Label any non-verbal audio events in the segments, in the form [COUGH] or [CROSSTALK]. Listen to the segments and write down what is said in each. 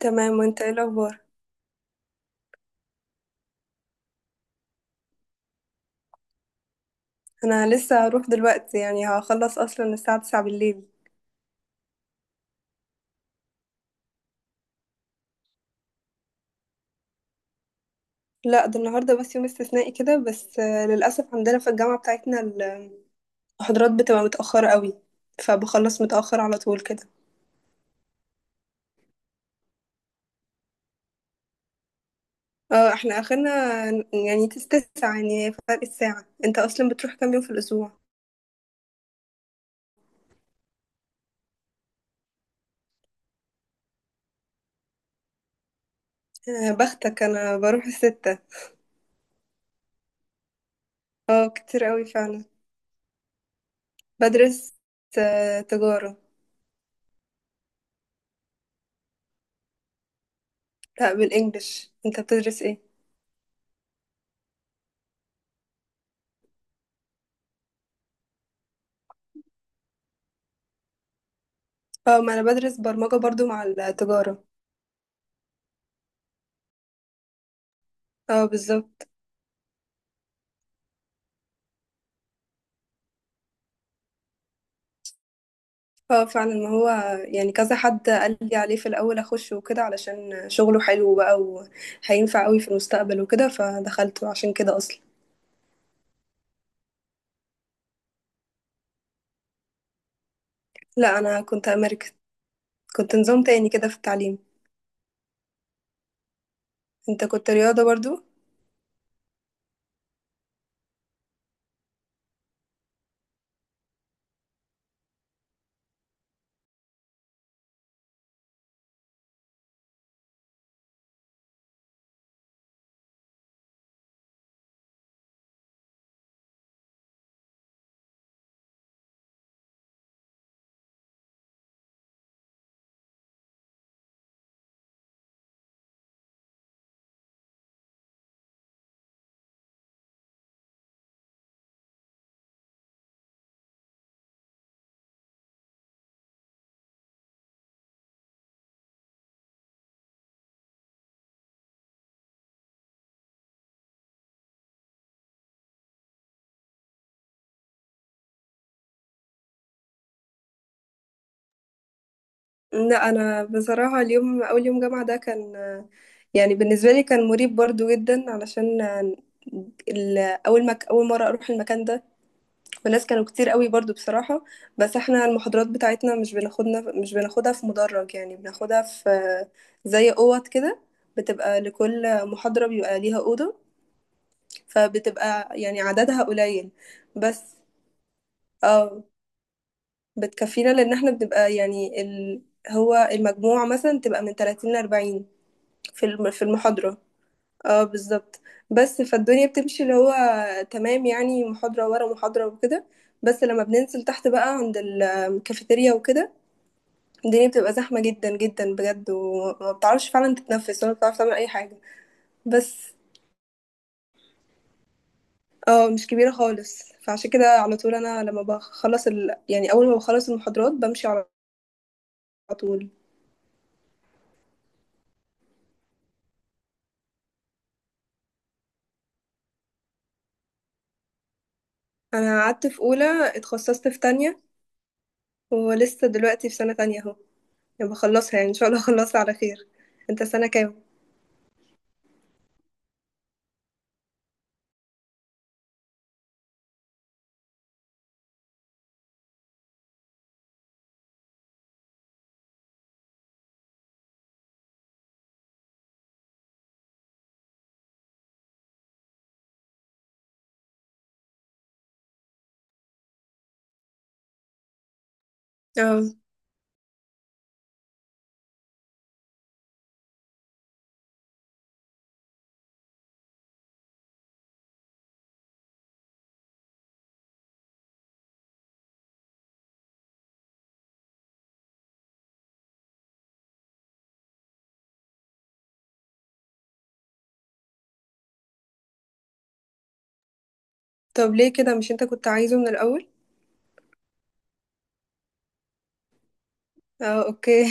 تمام، وانت ايه الاخبار؟ انا لسه هروح دلوقتي، يعني هخلص اصلا الساعه 9 بالليل. لا، ده النهارده بس يوم استثنائي كده، بس للاسف عندنا في الجامعه بتاعتنا المحاضرات بتبقى متاخره قوي، فبخلص متاخر على طول كده. اه، احنا اخرنا يعني تسعة، يعني فرق الساعه. انت اصلا بتروح كام يوم في الاسبوع؟ بختك، انا بروح الستة. اه كتير قوي فعلا. بدرس تجاره. لا، بالانجلش. انت بتدرس ايه؟ اه، ما انا بدرس برمجه برضو مع التجاره. اه بالظبط. اه فعلا، ما هو يعني كذا حد قال لي عليه في الاول اخش وكده علشان شغله حلو بقى وهينفع قوي في المستقبل وكده، فدخلته عشان كده اصلا. لا، انا كنت امريكا، كنت نظام تاني كده في التعليم. انت كنت رياضة برضو. لا، انا بصراحة اليوم اول يوم جامعة ده كان، يعني بالنسبة لي كان مريب برضو جدا، علشان ال- اول ما اول مرة اروح المكان ده، والناس كانوا كتير قوي برضو بصراحة. بس احنا المحاضرات بتاعتنا مش بناخدها في مدرج، يعني بناخدها في زي اوض كده. بتبقى لكل محاضرة بيبقى ليها أوضة، فبتبقى يعني عددها قليل بس. اه بتكفينا، لأن احنا بنبقى يعني هو المجموع مثلا تبقى من 30 ل 40 في المحاضرة. اه بالظبط. بس فالدنيا بتمشي اللي هو تمام، يعني محاضرة ورا محاضرة وكده، بس لما بننزل تحت بقى عند الكافيتيريا وكده الدنيا بتبقى زحمة جدا جدا بجد، وما بتعرفش فعلا تتنفس ولا بتعرف تعمل أي حاجة بس. اه مش كبيرة خالص، فعشان كده على طول أنا لما بخلص يعني أول ما بخلص المحاضرات بمشي على طول. أنا قعدت في أولى، اتخصصت في تانية، ولسه دلوقتي في سنة تانية أهو، يعني بخلصها، يعني إن شاء الله [LAUGHS] أخلصها على خير. أنت سنة كام؟ اه. طب ليه كده، مش انت كنت عايزه من الأول؟ اه اوكي.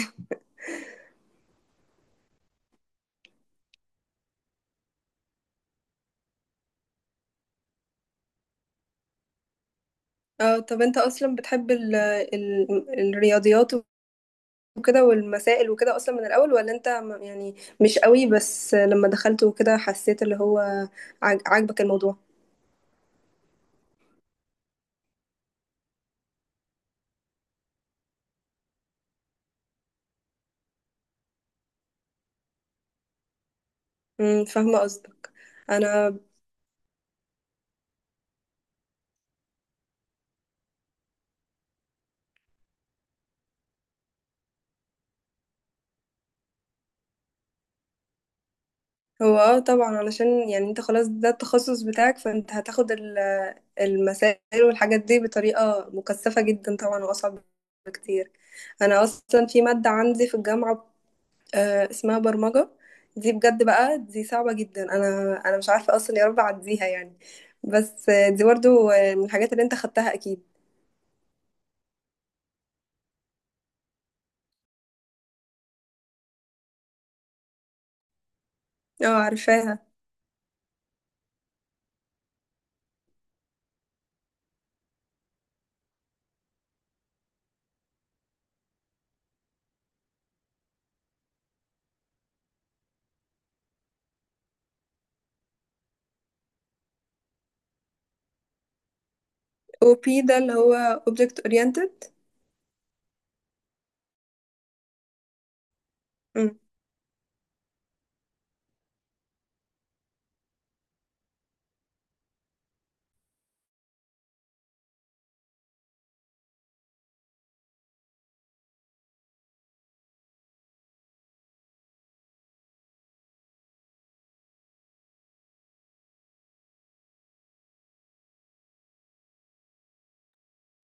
[LAUGHS] اه، طب انت اصلا بتحب ال الرياضيات وكده والمسائل وكده اصلا من الأول، ولا انت يعني مش قوي، بس لما دخلت وكده حسيت اللي هو عاجبك الموضوع؟ امم، فاهمة قصدك. انا. هو اه طبعا، علشان يعني انت خلاص ده التخصص بتاعك، فانت هتاخد المسائل والحاجات دي بطريقة مكثفة جدا طبعا، واصعب بكتير. انا اصلا في ماده عندي في الجامعه اسمها برمجة، دي بجد بقى دي صعبة جدا. انا مش عارفة اصلا يا رب اعديها يعني. بس دي برضو من الحاجات اللي انت خدتها اكيد. اه عارفاها. او بي ده اللي هو object oriented. امم.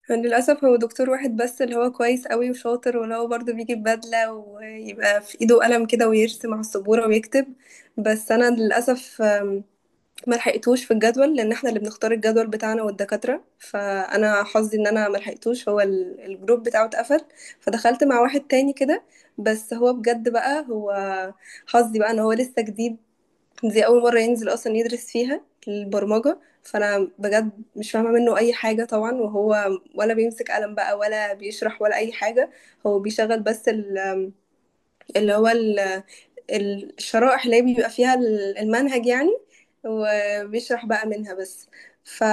للاسف هو دكتور واحد بس اللي هو كويس قوي وشاطر، واللي هو برضو بيجي ببدلة ويبقى في ايده قلم كده ويرسم على السبورة ويكتب. بس انا للاسف ما لحقتوش في الجدول، لان احنا اللي بنختار الجدول بتاعنا والدكاتره، فانا حظي ان انا ما لحقتوش، هو الجروب بتاعه اتقفل، فدخلت مع واحد تاني كده. بس هو بجد بقى، هو حظي بقى ان هو لسه جديد، دي اول مره ينزل اصلا يدرس فيها البرمجه. فانا بجد مش فاهمه منه اي حاجه طبعا، وهو ولا بيمسك قلم بقى ولا بيشرح ولا اي حاجه. هو بيشغل بس اللي هو الشرائح اللي هي بيبقى فيها المنهج يعني، وبيشرح بقى منها بس. ف...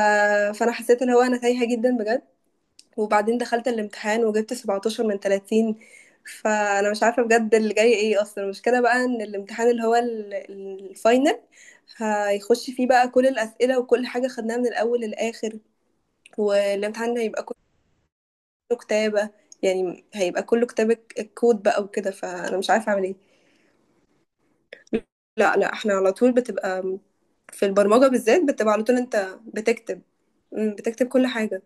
فانا حسيت اللي هو انا تايهة جدا بجد، وبعدين دخلت الامتحان وجبت 17 من 30، فانا مش عارفة بجد اللي جاي ايه اصلا. المشكلة بقى ان الامتحان اللي هو الفاينل هيخش فيه بقى كل الأسئلة وكل حاجة خدناها من الأول للآخر، والامتحان هيبقى كله كتابة، يعني هيبقى كله كتابة الكود بقى وكده، فأنا مش عارفة أعمل إيه. لأ، لأ، إحنا على طول بتبقى في البرمجة بالذات بتبقى على طول، أنت بتكتب، بتكتب كل حاجة.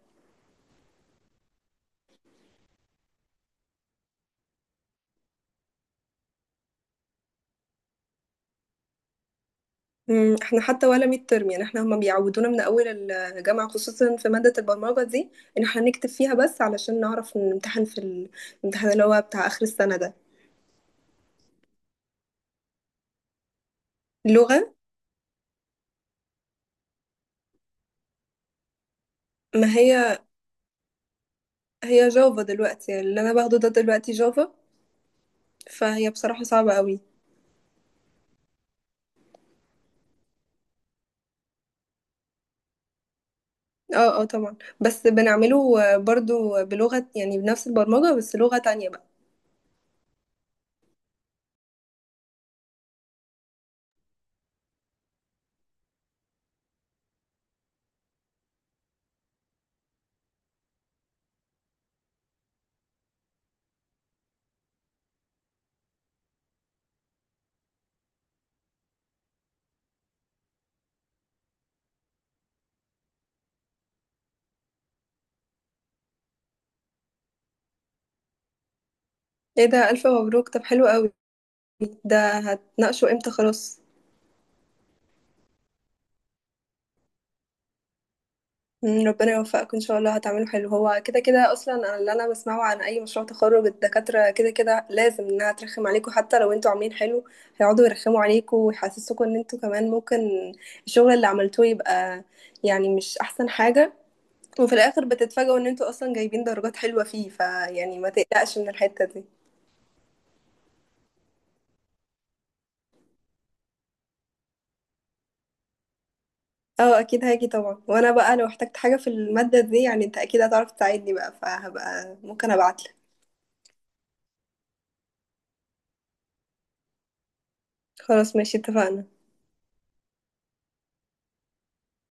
إحنا حتى ولا midterm، يعني إحنا هُم بيعودونا من أول الجامعة خصوصًا في مادة البرمجة دي، إن إحنا نكتب فيها بس علشان نعرف نمتحن في الامتحان اللي هو بتاع آخر السنة ده. اللغة، ما هي Java دلوقتي، يعني اللي أنا باخده ده دلوقتي Java، فهي بصراحة صعبة أوي. آه طبعًا، بس بنعمله برضه بلغة، يعني بنفس البرمجة بس لغة تانية بقى. إيه ده! ألف مبروك، طب حلو أوي. ده هتناقشه امتى خلاص؟ ربنا يوفقك ان شاء الله هتعمله حلو، هو كده كده اصلا، أنا اللي انا بسمعه عن اي مشروع تخرج الدكاتره كده كده لازم انها ترخم عليكم، حتى لو انتوا عاملين حلو هيقعدوا يرخموا عليكم ويحسسوكوا ان انتوا كمان ممكن الشغل اللي عملتوه يبقى يعني مش احسن حاجه، وفي الاخر بتتفاجئوا ان انتوا اصلا جايبين درجات حلوه فيه، فيعني ما تقلقش من الحته دي. اه اكيد هاجي طبعا، وانا بقى لو احتجت حاجه في الماده دي يعني انت اكيد هتعرف تساعدني بقى، فهبقى ممكن ابعتلك. خلاص ماشي اتفقنا.